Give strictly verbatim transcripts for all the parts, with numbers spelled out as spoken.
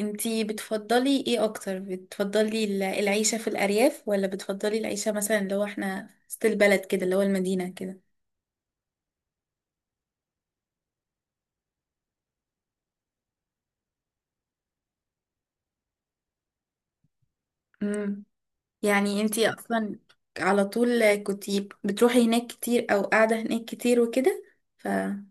انتي بتفضلي ايه اكتر؟ بتفضلي ال- العيشة في الارياف ولا بتفضلي العيشة، مثلا اللي هو احنا وسط البلد كده، اللي هو المدينة كده؟ امم يعني انتي اصلا على طول كنتي بتروحي هناك كتير او قاعدة هناك كتير وكده، فتحسي.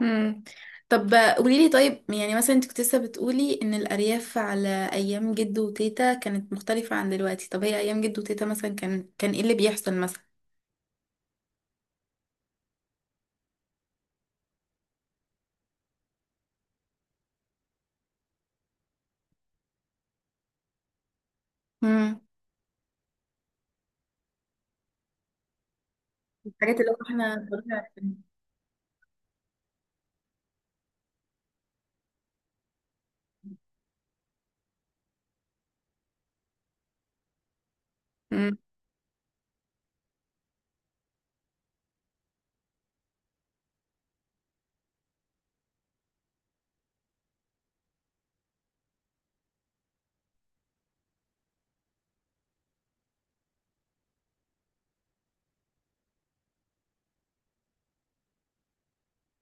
امم طب قوليلي، طيب يعني مثلا انت كنت لسه بتقولي ان الارياف على ايام جدو وتيتا كانت مختلفة عن دلوقتي، طب هي ايام جدو وتيتا مثلا كان كان ايه اللي بيحصل مثلا؟ امم الحاجات اللي هو احنا ضروري عارفينها.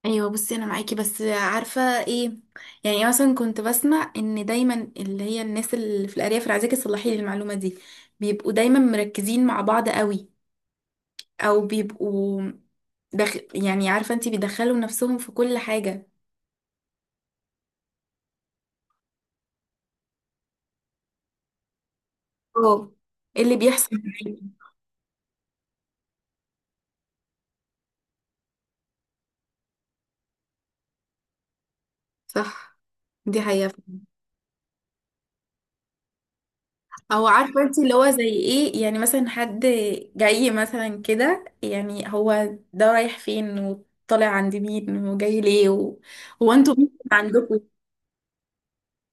ايوه، بصي، انا معاكي بس عارفه ايه؟ يعني مثلا كنت بسمع ان دايما اللي هي الناس اللي في الارياف، انا عايزاكي تصلحي لي المعلومه دي، بيبقوا دايما مركزين مع بعض قوي، او بيبقوا دخ... يعني عارفه انتي، بيدخلوا نفسهم في كل حاجه. اه، إيه اللي بيحصل معاكي؟ صح، دي حقيقه. او عارفه انتي اللي هو زي ايه؟ يعني مثلا حد جاي مثلا كده، يعني هو ده رايح فين وطالع عند مين وجاي ليه و... هو انتوا مين عندكم؟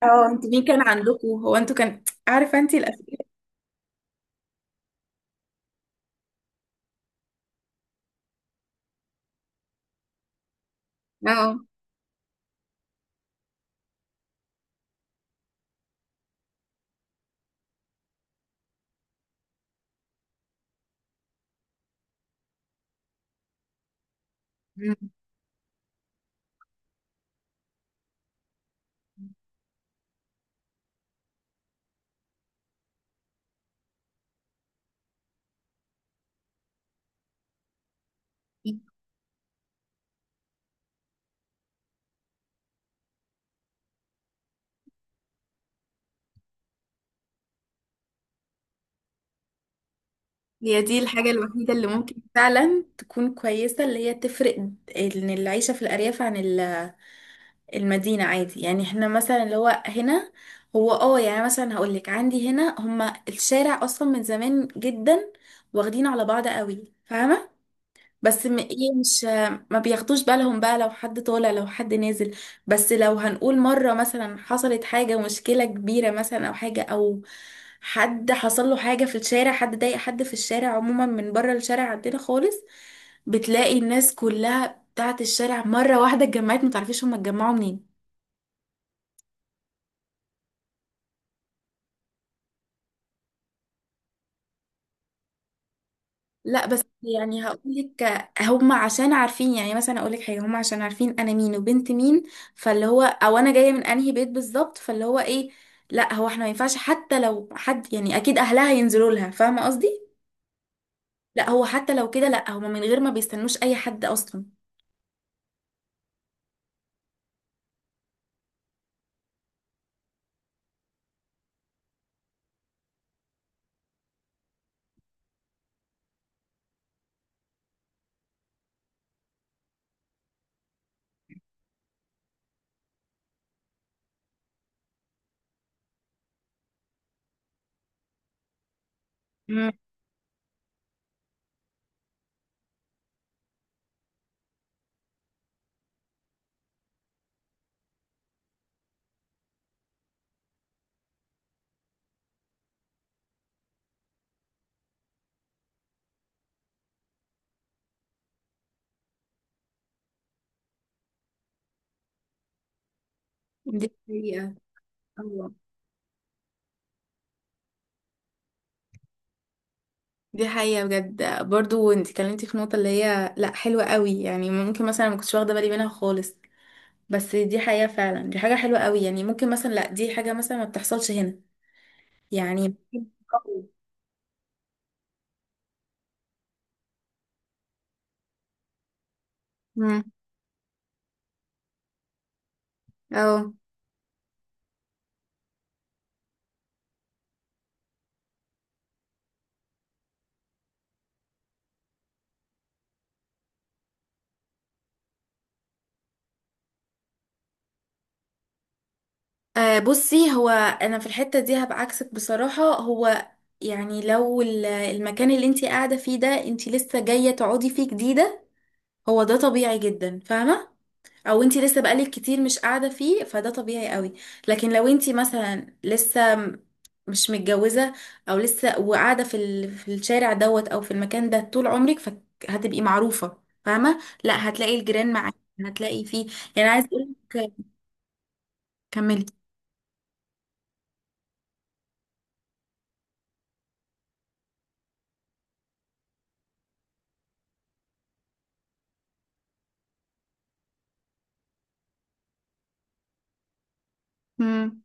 اه، انتوا مين كان عندكم؟ هو انتوا كان عارفه انت الاسئله. اه. مم. هي دي الحاجه الوحيده اللي ممكن فعلا تكون كويسه، اللي هي تفرق ان العيشه في الارياف عن ال- المدينه، عادي. يعني احنا مثلا اللي هو هنا، هو اه يعني مثلا هقول لك، عندي هنا هما الشارع اصلا من زمان جدا واخدين على بعض قوي، فاهمه؟ بس م- ايه، مش ما بياخدوش بالهم بقى لو حد طالع لو حد نازل. بس لو هنقول مرة مثلا حصلت حاجة، مشكلة كبيرة مثلا او حاجة او حد حصل له حاجة في الشارع، حد ضايق حد في الشارع عموما، من بره الشارع عندنا خالص، بتلاقي الناس كلها بتاعت الشارع مرة واحدة اتجمعت، متعرفيش هما اتجمعوا منين. لا بس يعني هقول لك، هم عشان عارفين، يعني مثلا اقول لك حاجه، هم عشان عارفين انا مين وبنت مين، فاللي هو او انا جايه من انهي بيت بالظبط، فاللي هو ايه. لا هو احنا ما ينفعش حتى لو حد، يعني اكيد اهلها ينزلوا لها، فاهمه قصدي؟ لا هو حتى لو كده، لا هم من غير ما بيستنوش اي حد اصلا. امم دي حقيقة. أيوة. دي حقيقة بجد، برضو انت اتكلمتي في نقطة اللي هي لا حلوة قوي، يعني ممكن مثلا ما كنتش واخدة بالي منها خالص. بس دي حقيقة فعلا، دي حاجة حلوة قوي، يعني ممكن مثلا لا دي حاجة مثلا ما بتحصلش هنا. يعني. امم اه. آه، بصي هو انا في الحتة دي هبقى عكسك بصراحة. هو يعني لو ال- المكان اللي انتي قاعدة فيه ده، انتي لسه جاية تقعدي فيه جديدة، هو ده طبيعي جدا، فاهمة؟ او انتي لسه بقالك كتير مش قاعده فيه، فده طبيعي قوي. لكن لو انتي مثلا لسه م- مش متجوزه، او لسه وقاعده في ال... في الشارع دوت او في المكان ده طول عمرك، فهتبقي معروفه، فاهمه؟ لا هتلاقي الجيران معاكي، هتلاقي فيه. يعني عايز اقولك. كملي. مم.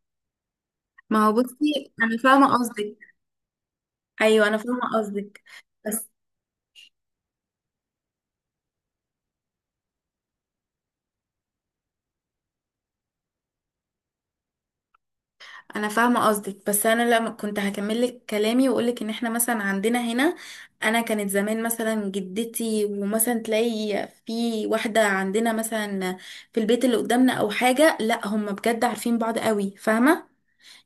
ما هو بصي انا فاهمه قصدك. ايوه انا فاهمه قصدك بس انا فاهمه قصدك بس انا لما كنت هكمل لك كلامي واقول لك ان احنا مثلا عندنا هنا. انا كانت زمان مثلا جدتي، ومثلا تلاقي في واحده عندنا مثلا في البيت اللي قدامنا او حاجه، لا هم بجد عارفين بعض قوي، فاهمه؟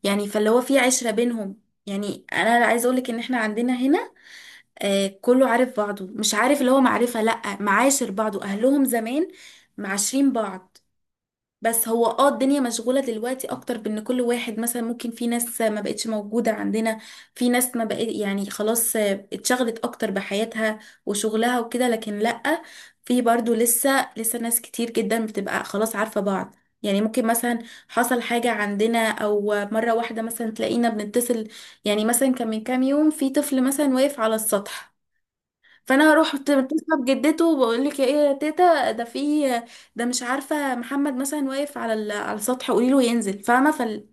يعني فاللي هو في عشره بينهم. يعني انا عايزه اقول لك ان احنا عندنا هنا آه كله عارف بعضه، مش عارف اللي هو معرفه، لا معاشر بعضه، اهلهم زمان معاشرين بعض. بس هو اه الدنيا مشغولة دلوقتي اكتر، بان كل واحد مثلا ممكن، في ناس ما بقتش موجودة عندنا، في ناس ما بقت، يعني خلاص آه، اتشغلت اكتر بحياتها وشغلها وكده، لكن لأ، في برضو لسه لسه ناس كتير جدا بتبقى خلاص عارفة بعض. يعني ممكن مثلا حصل حاجة عندنا، او مرة واحدة مثلا تلاقينا بنتصل. يعني مثلا كان من كام يوم في طفل مثلا واقف على السطح، فانا هروح ت- اتصل بجدته وبقول لك، يا ايه يا تيتا ده في، ده مش عارفه محمد مثلا واقف على ال- على السطح، قولي له ينزل، فاهمه؟ فال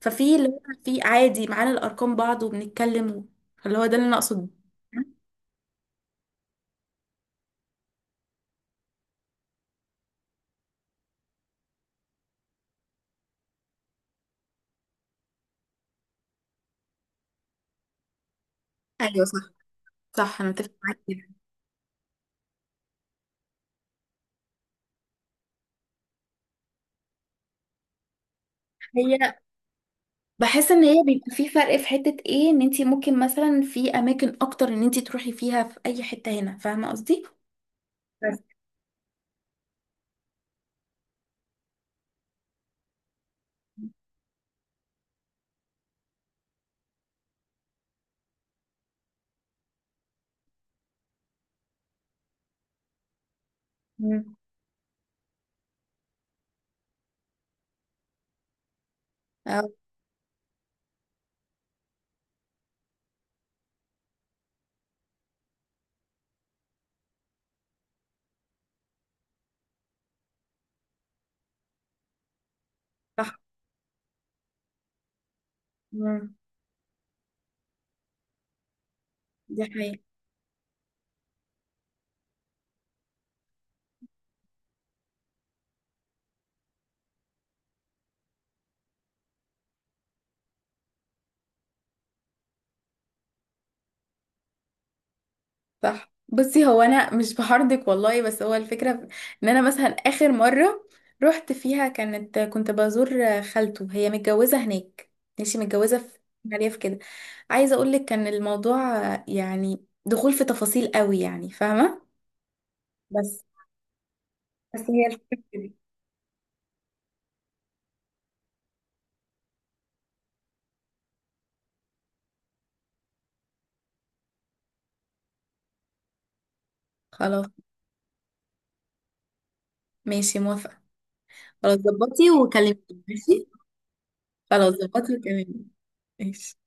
ففي اللي هو في عادي معانا الارقام بعض وبنتكلم و- فاللي هو ده اللي انا اقصده. ايوه صح. صح، انا متفق معاكي جدا. هي بحس ان هي بيبقى في فرق، في حته ايه ان انت ممكن مثلا في اماكن اكتر ان انت تروحي فيها في اي حته هنا، فاهمه قصدي؟ بس. مم. اه صح. مم. دي حقيقة. صح، بصي هو انا مش بحرضك والله، بس هو الفكره في- ان انا مثلا اخر مره رحت فيها كانت كنت بزور خالته، هي متجوزه هناك، ماشي، متجوزه في الريف كده. عايزه اقول لك كان الموضوع يعني دخول في تفاصيل قوي، يعني فاهمه. بس بس هي الفكره دي. خلاص. ماشي، موافقه. خلاص، ظبطي وكلميني، ماشي. خلاص، ظبطي وكلميني، ماشي.